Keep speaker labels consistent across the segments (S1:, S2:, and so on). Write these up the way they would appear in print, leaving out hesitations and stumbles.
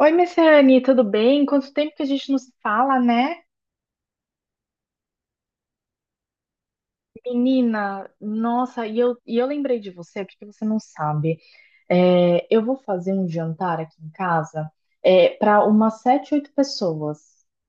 S1: Oi, Messiane, tudo bem? Quanto tempo que a gente não se fala, né? Menina, nossa, e eu lembrei de você, porque você não sabe. É, eu vou fazer um jantar aqui em casa, para umas sete, oito pessoas.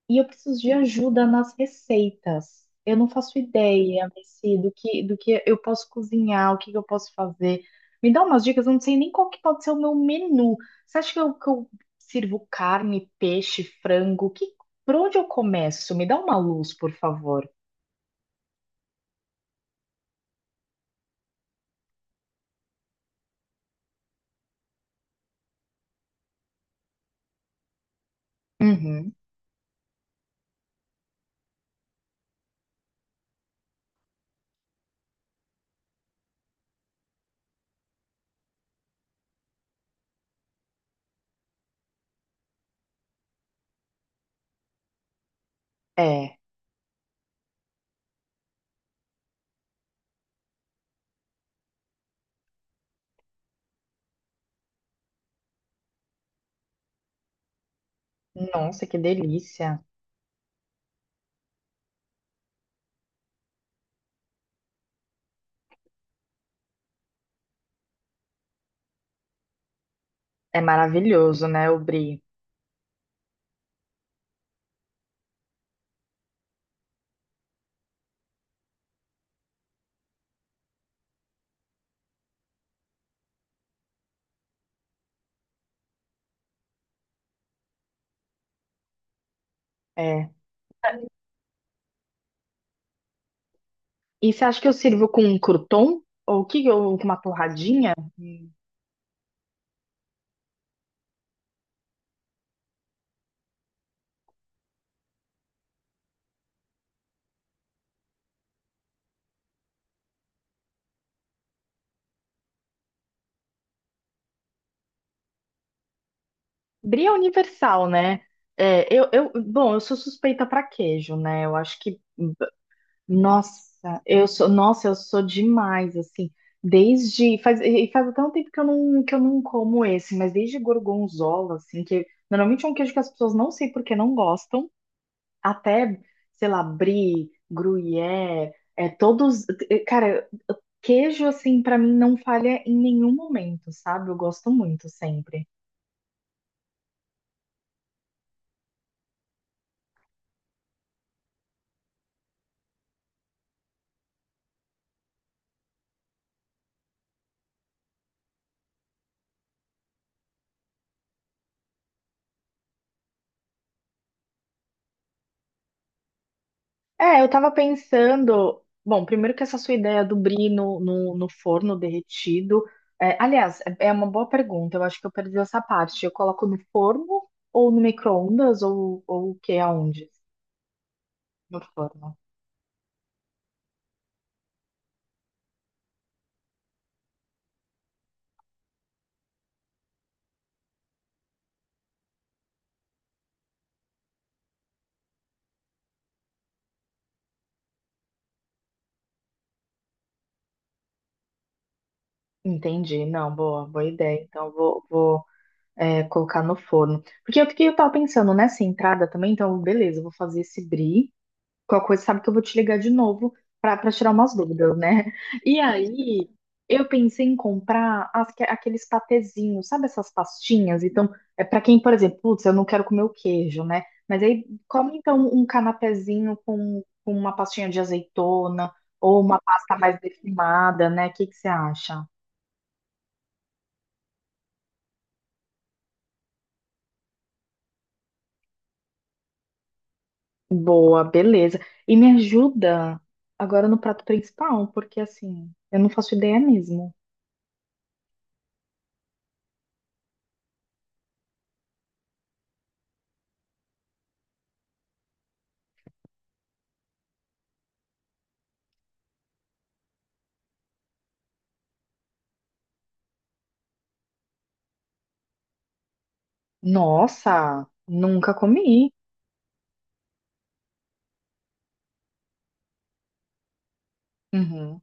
S1: E eu preciso de ajuda nas receitas. Eu não faço ideia, Messi, do que eu posso cozinhar, o que que eu posso fazer. Me dá umas dicas, eu não sei nem qual que pode ser o meu menu. Você acha que que eu sirvo carne, peixe, frango? Por onde eu começo? Me dá uma luz, por favor. Uhum. É. Nossa, que delícia. É maravilhoso, né, o brie? É. E você acha que eu sirvo com um crouton? Ou com uma torradinha? Hum. Brie é universal, né? É, eu, bom, eu sou suspeita para queijo, né? Eu acho que nossa, eu sou demais, assim. E faz até um tempo que eu não como esse, mas desde gorgonzola, assim, que normalmente é um queijo que as pessoas não sei por que não gostam. Até, sei lá, brie, gruyère, é todos, cara, queijo assim pra mim não falha em nenhum momento, sabe? Eu gosto muito sempre. É, eu tava pensando, bom, primeiro que essa sua ideia do brie no forno derretido, é, aliás, é uma boa pergunta, eu acho que eu perdi essa parte. Eu coloco no forno ou no micro-ondas ou o que aonde? No forno. Entendi, não, boa, boa ideia. Então vou colocar no forno. Porque que eu tava pensando nessa entrada também, então, beleza, eu vou fazer esse brie. Qualquer coisa, sabe que eu vou te ligar de novo pra tirar umas dúvidas, né? E aí, eu pensei em comprar aqueles patezinhos, sabe essas pastinhas? Então, é para quem, por exemplo, putz, eu não quero comer o queijo, né? Mas aí, come então um canapézinho com uma pastinha de azeitona ou uma pasta mais defumada, né? O que que você acha? Boa, beleza. E me ajuda agora no prato principal, porque assim, eu não faço ideia mesmo. Nossa, nunca comi. Uhum,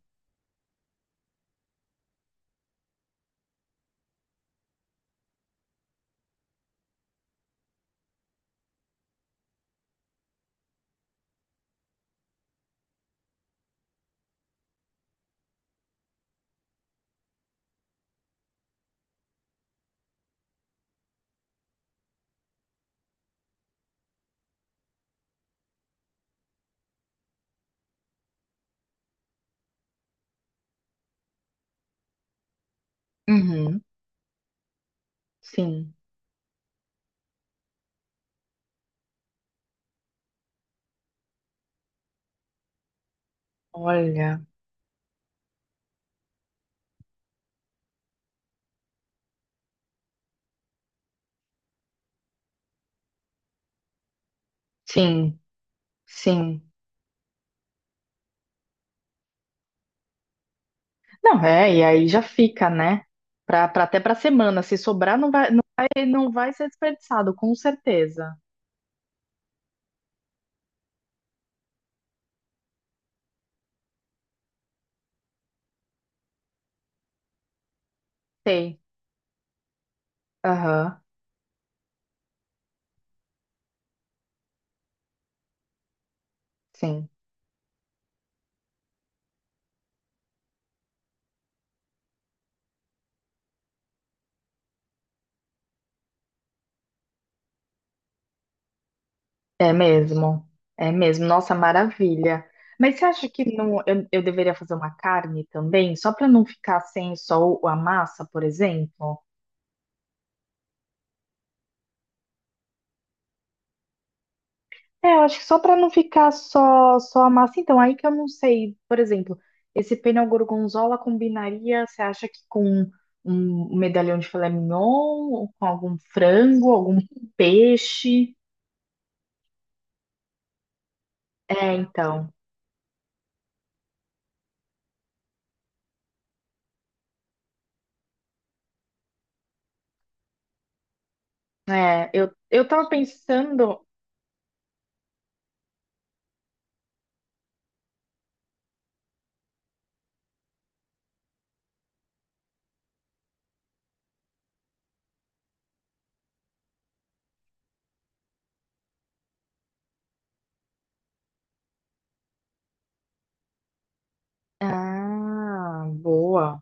S1: uhum, sim. Olha, sim, sim. Não, é, e aí já fica, né? Até pra semana. Se sobrar, não vai ser desperdiçado, com certeza. Sei. Aham, sim. É mesmo, é mesmo. Nossa, maravilha. Mas você acha que não, eu deveria fazer uma carne também, só para não ficar sem só a massa, por exemplo? É, eu acho que só para não ficar só, só a massa. Então, aí que eu não sei, por exemplo, esse pênel gorgonzola combinaria, você acha que com um medalhão de filé mignon, ou com algum frango, algum peixe? É, então. É, eu tava pensando. Ah, boa.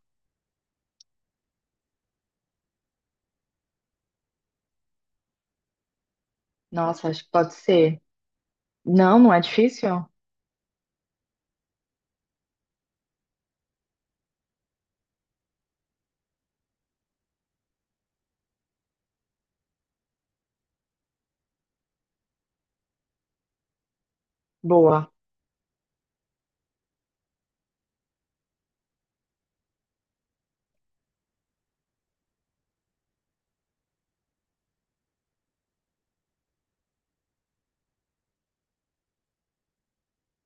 S1: Nossa, acho que pode ser. Não, não é difícil? Boa.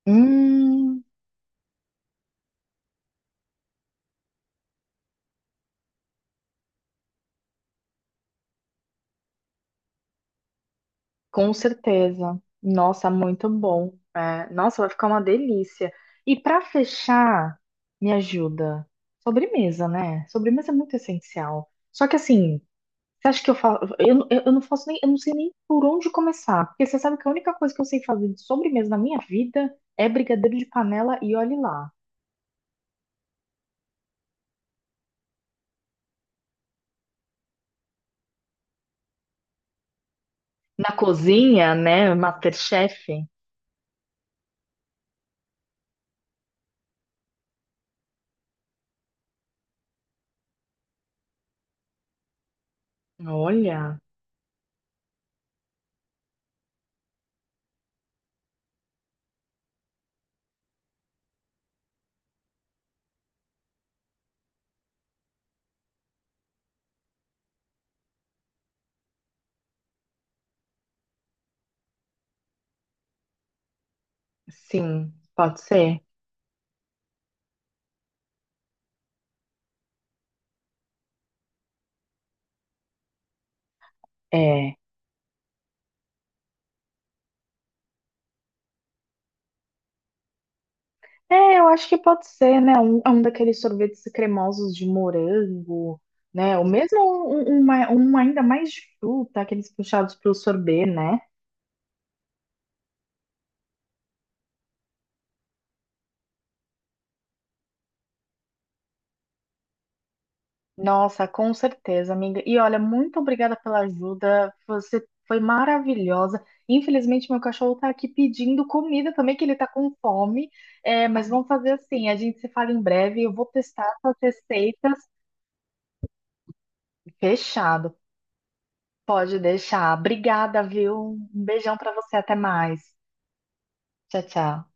S1: Hum, com certeza. Nossa, muito bom. É, nossa, vai ficar uma delícia. E para fechar, me ajuda. Sobremesa, né? Sobremesa é muito essencial. Só que assim, você acha que eu faço. Eu não faço nem. Eu não sei nem por onde começar. Porque você sabe que a única coisa que eu sei fazer de sobremesa na minha vida é brigadeiro de panela e olhe lá. Na cozinha, né? MasterChef. Olha. Sim, pode ser. É. É, eu acho que pode ser, né? É um daqueles sorvetes cremosos de morango, né? Ou mesmo um ainda mais de fruta, aqueles puxados para o sorbet, né? Nossa, com certeza, amiga. E olha, muito obrigada pela ajuda. Você foi maravilhosa. Infelizmente, meu cachorro tá aqui pedindo comida também, que ele tá com fome. É, mas vamos fazer assim: a gente se fala em breve. Eu vou testar suas receitas. Fechado. Pode deixar. Obrigada, viu? Um beijão pra você. Até mais. Tchau, tchau.